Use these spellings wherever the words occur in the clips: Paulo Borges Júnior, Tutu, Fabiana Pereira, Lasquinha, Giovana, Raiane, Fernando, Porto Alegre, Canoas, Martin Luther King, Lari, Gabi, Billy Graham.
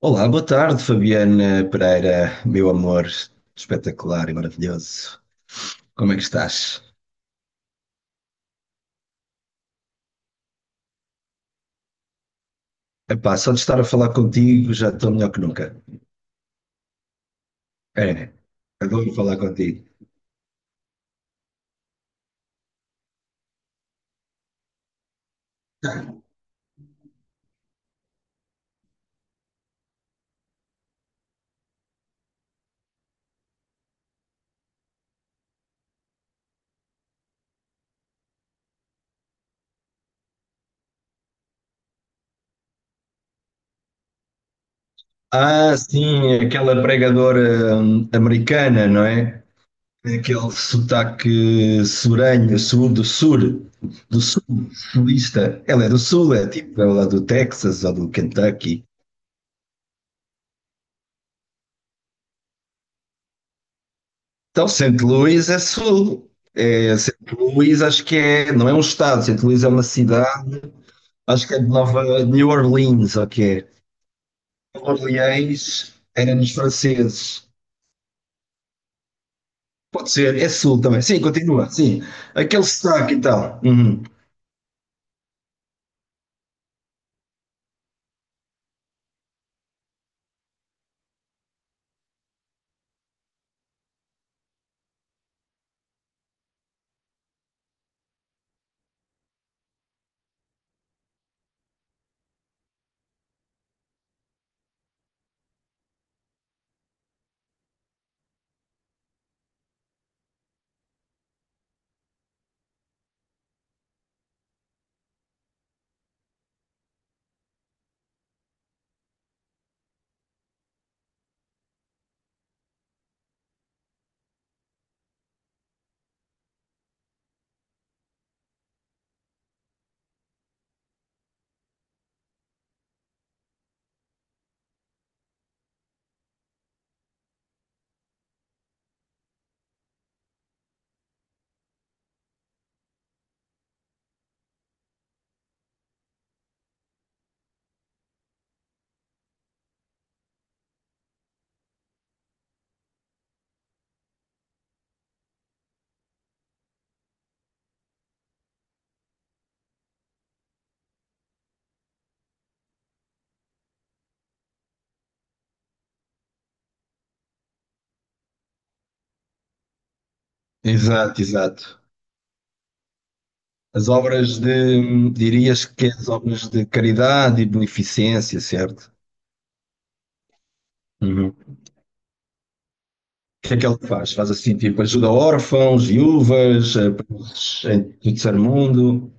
Olá, boa tarde, Fabiana Pereira, meu amor espetacular e maravilhoso. Como é que estás? Epá, só de estar a falar contigo já estou melhor que nunca. É, adoro falar contigo. Ah, sim, aquela pregadora americana, não é? Aquele sotaque suranho, sul do sul, do sul, sulista. Ela é do sul, é tipo, ela é do Texas ou do Kentucky. Então, St. Louis é sul. É, St. Louis acho que é, não é um estado, St. Louis é uma cidade, acho que é de Nova de New Orleans, ok. Nova Orleans era nos franceses. Pode ser, é sul também. Sim, continua, sim. Aquele sotaque e tal. Uhum. Exato, exato. Dirias que é as obras de caridade e beneficência, certo? Uhum. O que é que ele faz? Faz assim, tipo, ajuda órfãos, viúvas, em terceiro mundo.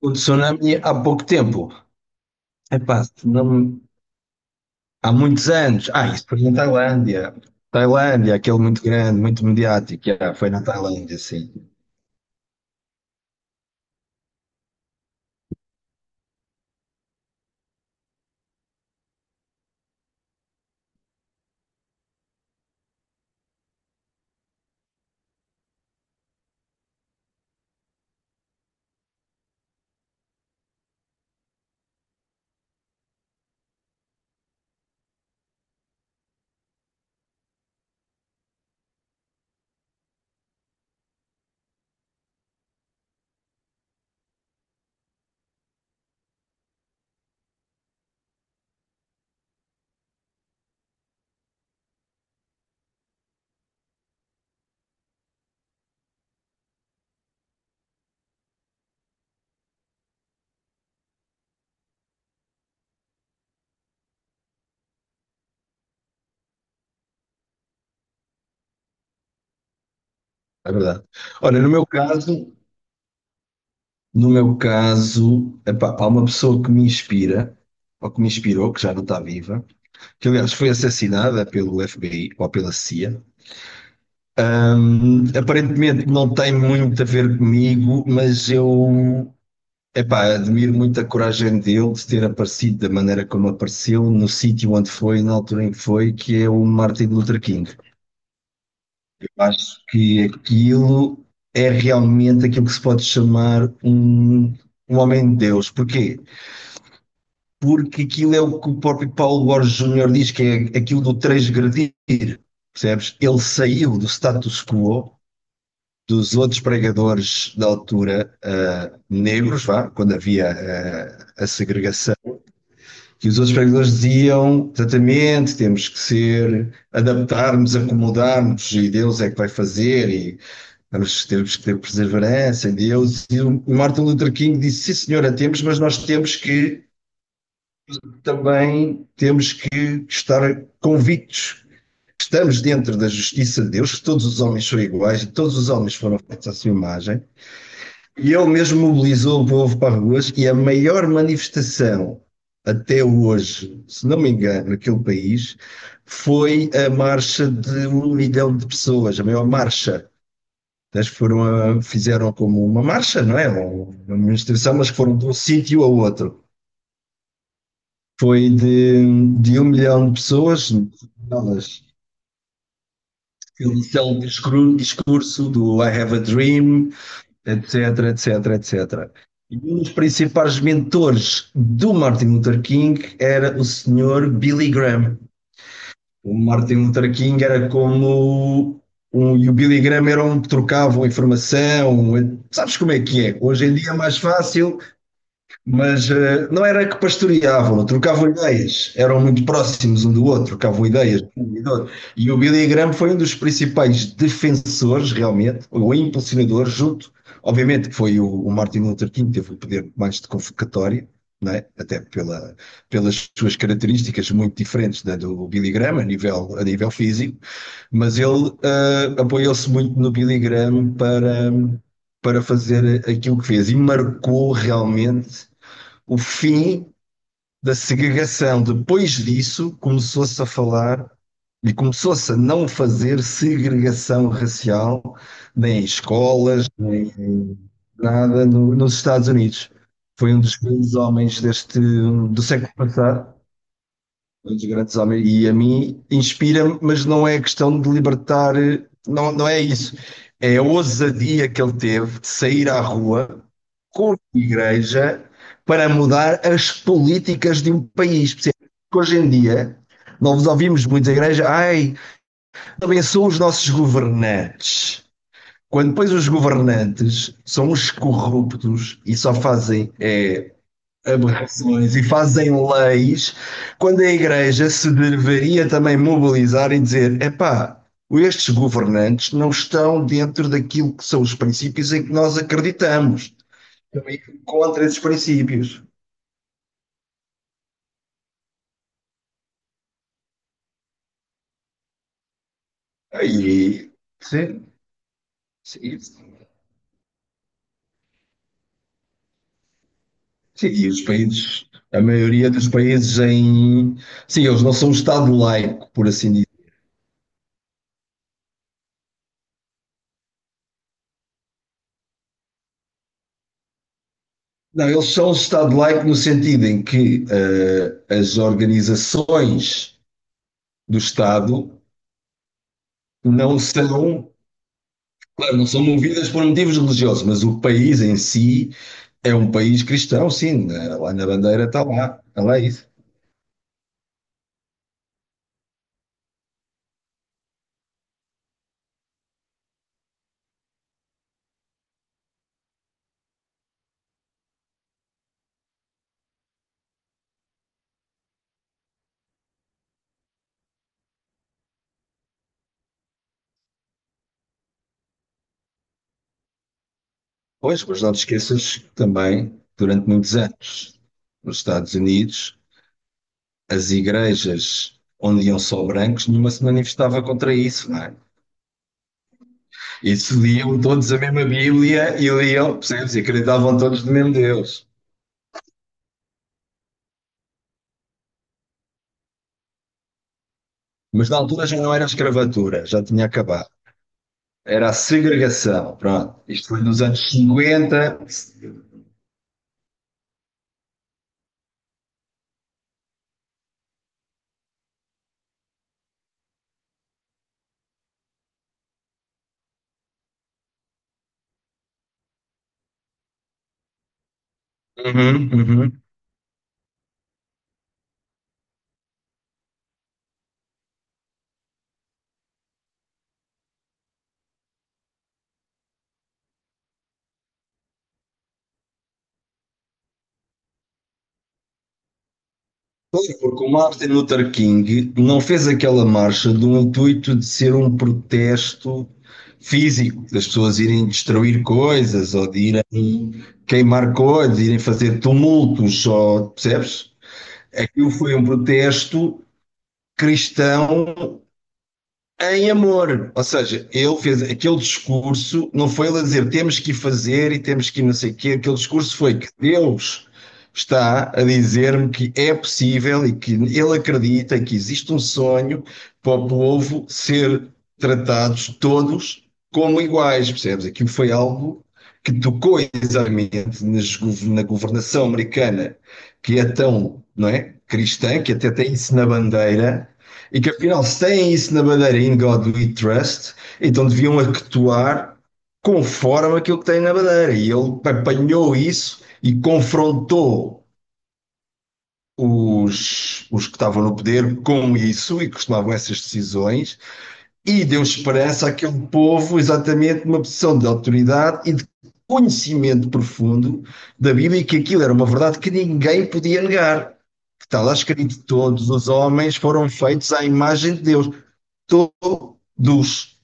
O tsunami há pouco tempo. Epá, tsunami há muitos anos. Ah, isso foi na Tailândia. Tailândia, aquele muito grande, muito mediático. Yeah, foi na Tailândia, sim. É verdade. Olha, no meu caso, epá, há uma pessoa que me inspira, ou que me inspirou, que já não está viva, que aliás foi assassinada pelo FBI ou pela CIA. Aparentemente não tem muito a ver comigo. Mas eu Epá, admiro muito a coragem dele de ter aparecido da maneira como apareceu, no sítio onde foi, na altura em que foi, que é o Martin Luther King. Eu acho que aquilo é realmente aquilo que se pode chamar um homem de Deus. Porquê? Porque aquilo é o que o próprio Paulo Borges Júnior diz, que é aquilo do transgredir, percebes? Ele saiu do status quo dos outros pregadores da altura, negros, vá, quando havia a segregação que os outros pregadores diziam exatamente, temos que ser, adaptarmos, acomodarmos, e Deus é que vai fazer, e temos que ter perseverança em Deus. E o Martin Luther King disse, sim senhora, temos, mas nós temos que, também, temos que estar convictos que estamos dentro da justiça de Deus, que todos os homens são iguais, e todos os homens foram feitos à sua imagem, e ele mesmo mobilizou o povo para ruas e a maior manifestação até hoje, se não me engano, naquele país, foi a marcha de 1 milhão de pessoas, a maior marcha. Eles fizeram como uma marcha, não é? Uma manifestação, mas que foram de um sítio a outro. Foi de 1 milhão de pessoas, elas, aquele célebre discurso do I Have a Dream, etc, etc, etc. E um dos principais mentores do Martin Luther King era o senhor Billy Graham. O Martin Luther King era como um, e o Billy Graham era um que trocavam informação. Sabes como é que é? Hoje em dia é mais fácil, mas não era que pastoreavam, trocavam ideias, eram muito próximos um do outro, trocavam ideias. E o Billy Graham foi um dos principais defensores, realmente, ou impulsionador, junto, obviamente, que foi o Martin Luther King, teve o poder mais de convocatória, não é? Até pela, pelas suas características muito diferentes da do Billy Graham, a nível físico, mas ele apoiou-se muito no Billy Graham para fazer aquilo que fez e marcou realmente o fim da segregação. Depois disso, começou-se a falar e começou-se a não fazer segregação racial nem em escolas, nem nada nos Estados Unidos. Foi um dos grandes homens do século passado, os grandes homens. E a mim inspira-me, mas não é questão de libertar, não, não é isso. É a ousadia que ele teve de sair à rua com a igreja para mudar as políticas de um país. Porque hoje em dia, nós ouvimos muito a igreja, ai, abençoa os nossos governantes. Quando depois os governantes são os corruptos e só fazem é, aberrações e fazem leis, quando a Igreja se deveria também mobilizar e dizer: epá, estes governantes não estão dentro daquilo que são os princípios em que nós acreditamos. Também contra esses princípios. E, sim, sim, sim, e os países, a maioria dos países em. Sim, eles não são um Estado laico, por assim dizer. Não, eles são um Estado laico no sentido em que as organizações do Estado não são, claro, não são movidas por motivos religiosos, mas o país em si é um país cristão, sim, né? Lá na bandeira está lá isso. Pois, mas não te esqueças que também, durante muitos anos, nos Estados Unidos, as igrejas onde iam só brancos, nenhuma se manifestava contra isso, não é? Isso liam todos a mesma Bíblia e liam, percebes? E acreditavam todos no mesmo Deus. Mas na altura já não era escravatura, já tinha acabado. Era a segregação, pronto. Isto foi nos anos 50. Uhum, uhum. Porque o Martin Luther King não fez aquela marcha do intuito de ser um protesto físico, das pessoas irem destruir coisas, ou de irem queimar coisas, irem fazer tumultos, ou, percebes? Aquilo foi um protesto cristão. É em amor, ou seja, ele fez aquele discurso, não foi ele a dizer temos que fazer e temos que não sei o quê, aquele discurso foi que Deus está a dizer-me que é possível e que ele acredita que existe um sonho para o povo ser tratados todos como iguais, percebes? Aquilo foi algo que tocou exatamente na governação americana, que é tão, não é, cristã, que até tem isso na bandeira e que afinal, se têm isso na bandeira In God We Trust, então deviam actuar conforme aquilo que têm na bandeira. E ele apanhou isso e confrontou os que estavam no poder com isso e costumavam essas decisões e deu esperança àquele povo exatamente numa posição de autoridade e de conhecimento profundo da Bíblia e que aquilo era uma verdade que ninguém podia negar. Que está lá escrito: todos os homens foram feitos à imagem de Deus todos.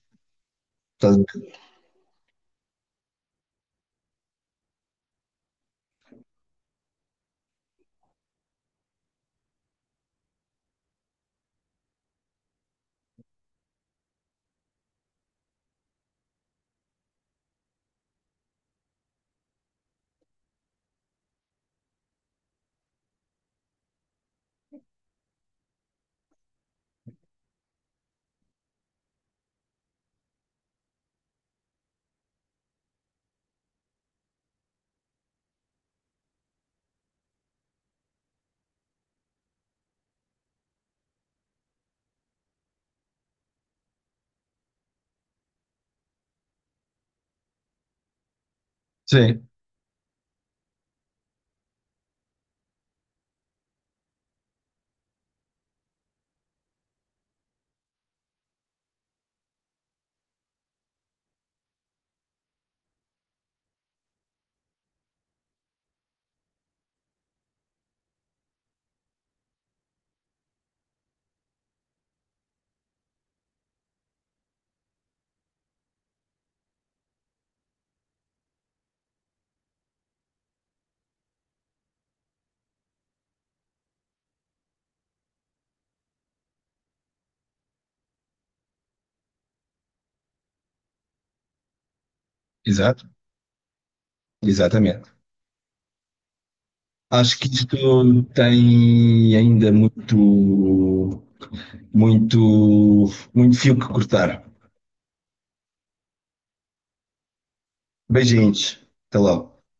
Sim, exato. Exatamente. Acho que isto tem ainda muito, muito, muito fio que cortar. Beijinhos. Até logo.